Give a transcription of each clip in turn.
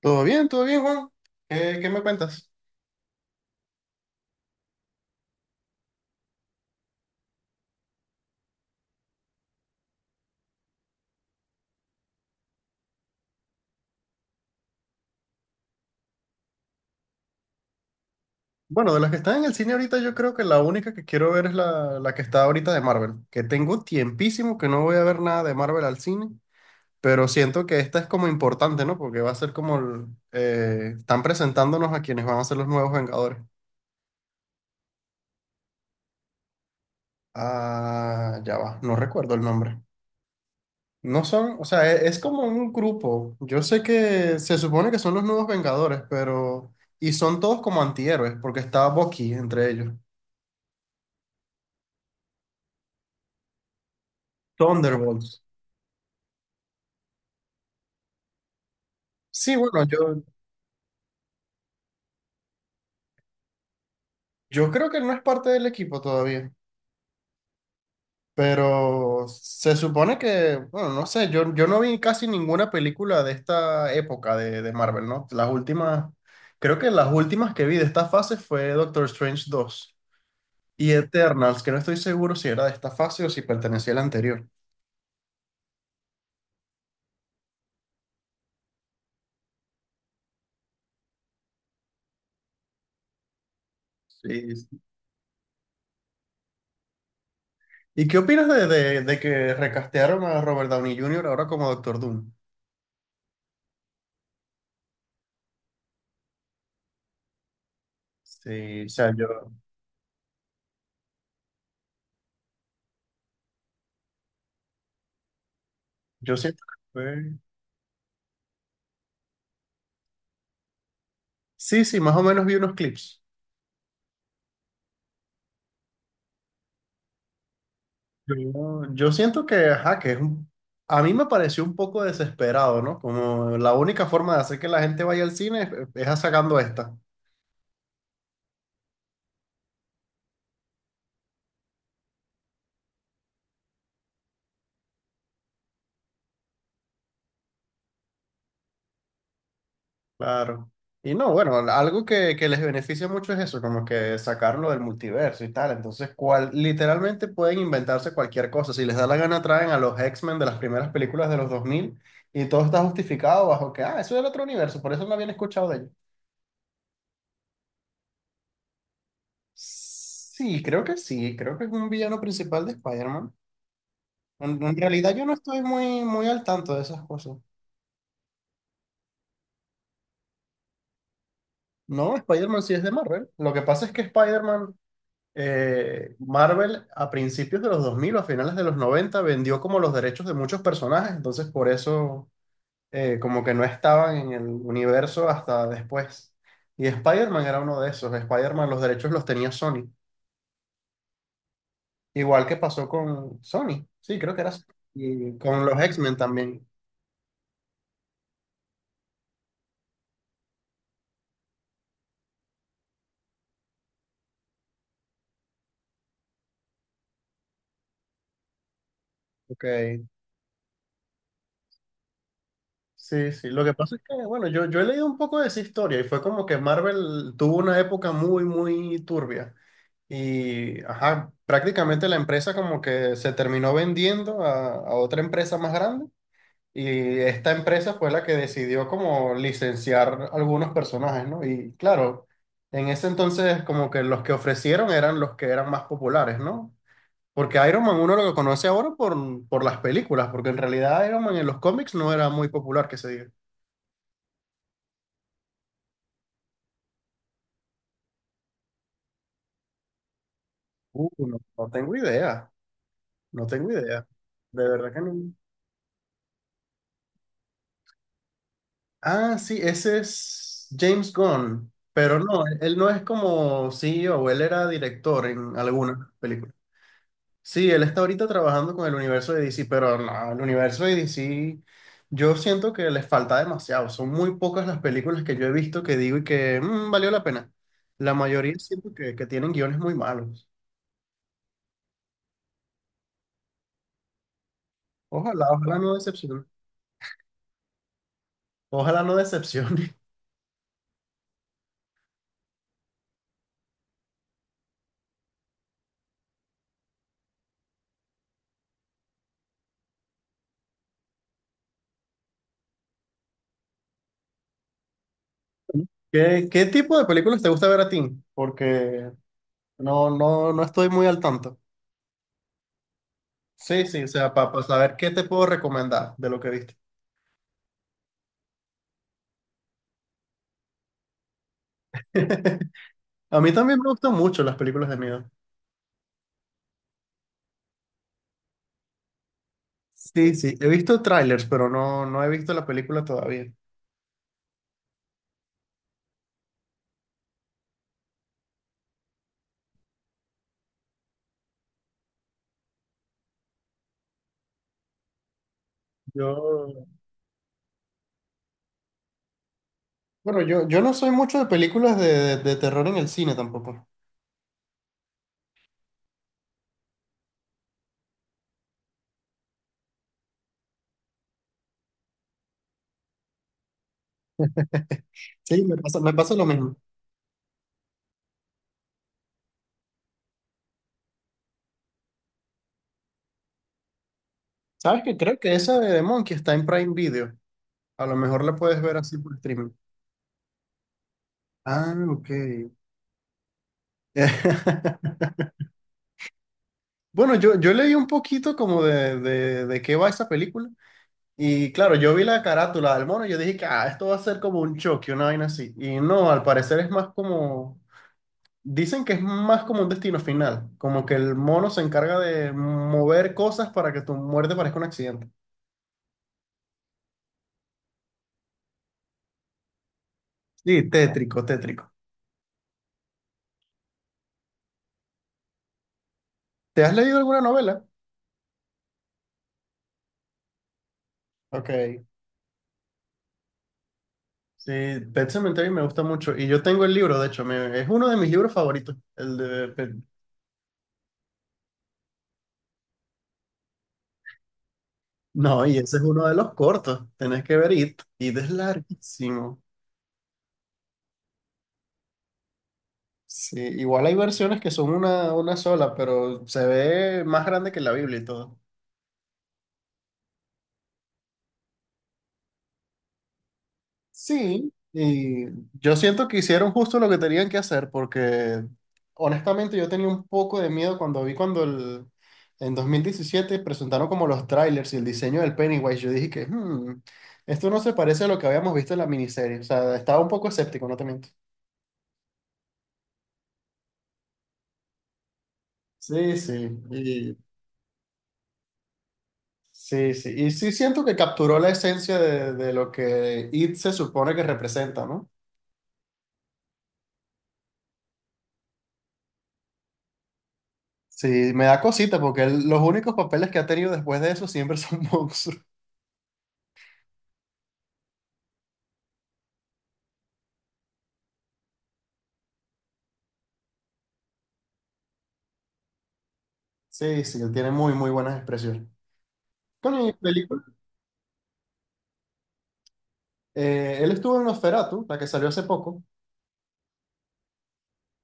Todo bien, Juan. ¿Qué me cuentas? Bueno, de las que están en el cine ahorita, yo creo que la única que quiero ver es la que está ahorita de Marvel. Que tengo tiempísimo que no voy a ver nada de Marvel al cine, pero siento que esta es como importante, ¿no? Porque va a ser como están presentándonos a quienes van a ser los nuevos Vengadores. Ah, ya va, no recuerdo el nombre. No son, o sea, es, como un grupo. Yo sé que se supone que son los nuevos Vengadores, pero... Y son todos como antihéroes, porque está Bucky entre ellos. Thunderbolts. Sí, bueno, yo creo que él no es parte del equipo todavía, pero se supone que, bueno, no sé, yo no vi casi ninguna película de esta época de Marvel, ¿no? Las últimas, creo que las últimas que vi de esta fase fue Doctor Strange 2 y Eternals, que no estoy seguro si era de esta fase o si pertenecía a la anterior. Sí, sí. ¿Y qué opinas de que recastearon a Robert Downey Jr. ahora como Doctor Doom? Sí, o sea, sí. Yo siento que fue. Sí, sí, más o menos vi unos clips. Yo, yo siento que, ajá, a mí me pareció un poco desesperado, ¿no? Como la única forma de hacer que la gente vaya al cine es sacando esta. Claro. Y no, bueno, algo que les beneficia mucho es eso, como que sacarlo del multiverso y tal. Entonces, cual, literalmente pueden inventarse cualquier cosa. Si les da la gana, traen a los X-Men de las primeras películas de los 2000 y todo está justificado bajo que, ah, eso era otro universo, por eso no habían escuchado de ellos. Sí, creo que es un villano principal de Spider-Man. En realidad yo no estoy muy, muy al tanto de esas cosas. No, Spider-Man sí es de Marvel. Lo que pasa es que Spider-Man, Marvel a principios de los 2000 o a finales de los 90 vendió como los derechos de muchos personajes, entonces por eso como que no estaban en el universo hasta después. Y Spider-Man era uno de esos. Spider-Man los derechos los tenía Sony. Igual que pasó con Sony, sí, creo que era Sony. Y con los X-Men también. Ok, sí, sí. Lo que pasa es que, bueno, yo he leído un poco de esa historia y fue como que Marvel tuvo una época muy, muy turbia. Y, ajá, prácticamente la empresa como que se terminó vendiendo a otra empresa más grande y esta empresa fue la que decidió como licenciar algunos personajes, ¿no? Y claro, en ese entonces como que los que ofrecieron eran los que eran más populares, ¿no? Porque Iron Man uno lo que conoce ahora por las películas, porque en realidad Iron Man en los cómics no era muy popular, que se diga. No, no tengo idea, no tengo idea. De verdad que no. Ah, sí, ese es James Gunn, pero no, él no es como CEO él era director en alguna película. Sí, él está ahorita trabajando con el universo de DC, pero no, el universo de DC, yo siento que les falta demasiado. Son muy pocas las películas que yo he visto que digo y que "Mm, valió la pena. La mayoría siento que tienen guiones muy malos. Ojalá, ojalá no decepcione. Ojalá no decepcione. ¿Qué tipo de películas te gusta ver a ti? Porque no, no, no estoy muy al tanto. Sí, sí, o sea, para saber qué te puedo recomendar de lo que viste. A mí también me gustan mucho las películas de miedo. Sí, sí, he visto trailers, pero no he visto la película todavía. Yo, bueno, yo no soy mucho de películas de, de terror en el cine tampoco. Sí, me pasa lo mismo. ¿Sabes qué? Creo que esa de The Monkey está en Prime Video. A lo mejor la puedes ver así por streaming. Ah, ok. Bueno, yo leí un poquito como de, de qué va esa película. Y claro, yo vi la carátula del mono y yo dije que ah, esto va a ser como un choque, una vaina así. Y no, al parecer es más como dicen que es más como un destino final, como que el mono se encarga de mover cosas para que tu muerte parezca un accidente. Sí, tétrico, tétrico. ¿Te has leído alguna novela? Ok. Sí, Pet Sematary me gusta mucho y yo tengo el libro, de hecho, es uno de mis libros favoritos. No, y ese es uno de los cortos, tenés que ver It. It es larguísimo. Sí, igual hay versiones que son una sola, pero se ve más grande que la Biblia y todo. Sí, y yo siento que hicieron justo lo que tenían que hacer, porque honestamente yo tenía un poco de miedo cuando vi en 2017 presentaron como los trailers y el diseño del Pennywise. Yo dije que "Hmm, esto no se parece a lo que habíamos visto en la miniserie. O sea, estaba un poco escéptico, no te miento. Sí, sí, y, sí, sí. Y sí siento que capturó la esencia de lo que It se supone que representa, ¿no? Sí, me da cosita porque los únicos papeles que ha tenido después de eso siempre son monstruos. Sí, sí, él tiene muy, muy buenas expresiones. Con mi película, Él estuvo en Nosferatu, la que salió hace poco.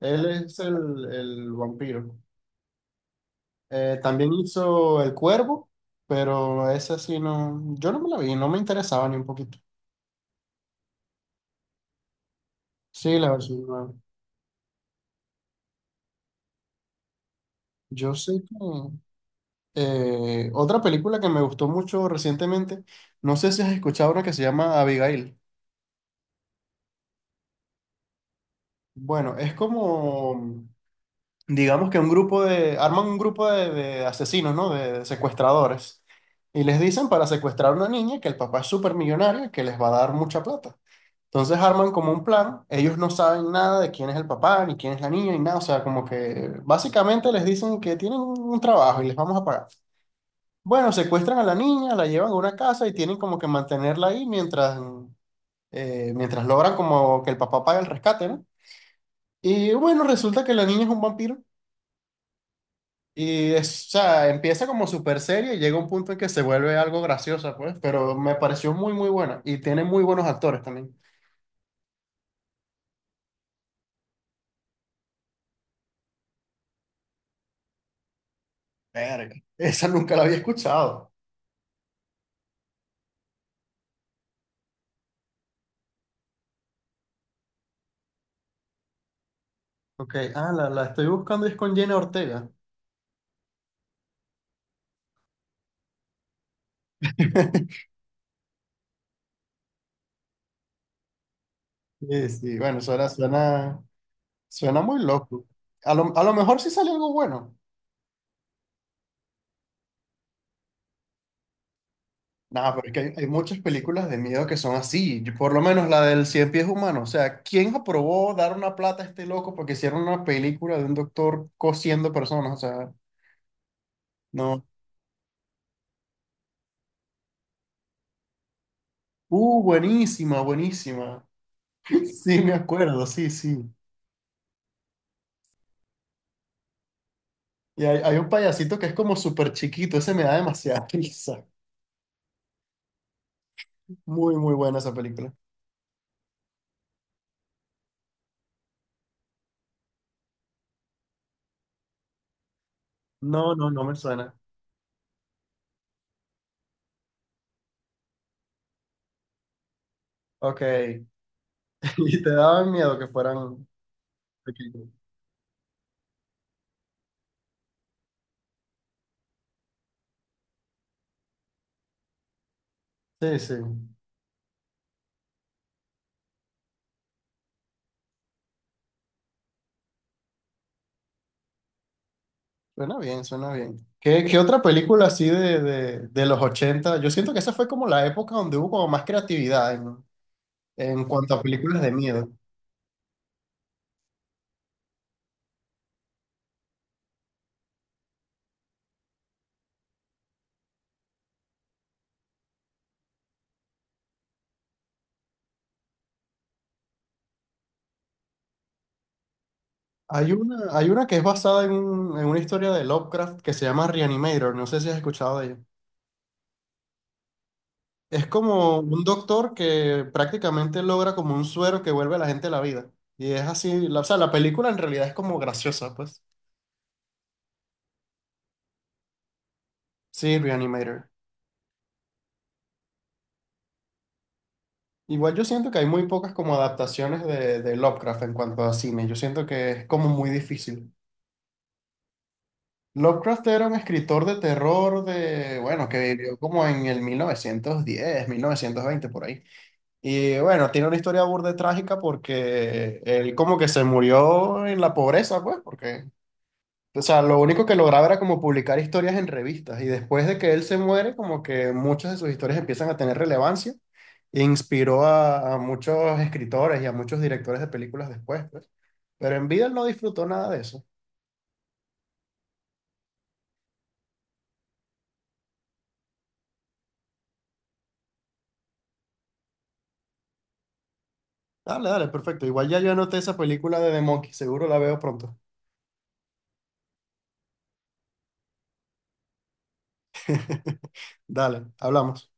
Él es el vampiro. También hizo El Cuervo, pero esa sí no, yo no me la vi, no me interesaba ni un poquito. Sí, la versión nueva. Yo sé que otra película que me gustó mucho recientemente, no sé si has escuchado una que se llama Abigail. Bueno, es como digamos que arman un grupo de asesinos, ¿no? De secuestradores. Y les dicen para secuestrar a una niña que el papá es súper millonario y que les va a dar mucha plata. Entonces arman como un plan, ellos no saben nada de quién es el papá, ni quién es la niña, ni nada, o sea, como que básicamente les dicen que tienen un trabajo y les vamos a pagar. Bueno, secuestran a la niña, la llevan a una casa y tienen como que mantenerla ahí mientras logran como que el papá pague el rescate, ¿no? Y bueno, resulta que la niña es un vampiro. Y es, o sea, empieza como súper seria y llega un punto en que se vuelve algo graciosa, pues, pero me pareció muy, muy buena. Y tiene muy buenos actores también. Verga, esa nunca la había escuchado. Ok, ah, la estoy buscando y es con Jenna Ortega. Sí, sí, bueno, suena muy loco. A lo mejor sí sale algo bueno. Nada, pero es que hay muchas películas de miedo que son así. Por lo menos la del Cien Pies Humano. O sea, ¿quién aprobó dar una plata a este loco porque hicieron una película de un doctor cosiendo personas? O sea. No. Buenísima, buenísima. Sí, me acuerdo, sí, sí. Y hay un payasito que es como súper chiquito, ese me da demasiada risa. Muy, muy buena esa película. No, no, no me suena. Ok. Y te daban miedo que fueran pequeños. Sí, sí. Suena bien, suena bien. ¿Qué otra película así de los 80? Yo siento que esa fue como la época donde hubo como más creatividad en, cuanto a películas de miedo. Hay una que es basada en una historia de Lovecraft que se llama Reanimator, no sé si has escuchado de ella. Es como un doctor que prácticamente logra como un suero que vuelve a la gente a la vida. Y es así, o sea, la película en realidad es como graciosa, pues. Sí, Reanimator. Igual yo siento que hay muy pocas como adaptaciones de Lovecraft en cuanto a cine. Yo siento que es como muy difícil. Lovecraft era un escritor de terror bueno, que vivió como en el mil novecientos diez 1920 por ahí. Y bueno, tiene una historia burda de trágica porque él como que se murió en la pobreza, pues, porque, o sea, lo único que lograba era como publicar historias en revistas y después de que él se muere, como que muchas de sus historias empiezan a tener relevancia e inspiró a muchos escritores y a muchos directores de películas después, pues. Pero en vida él no disfrutó nada de eso. Dale, dale, perfecto. Igual ya yo anoté esa película de The Monkey, seguro la veo pronto. Dale, hablamos.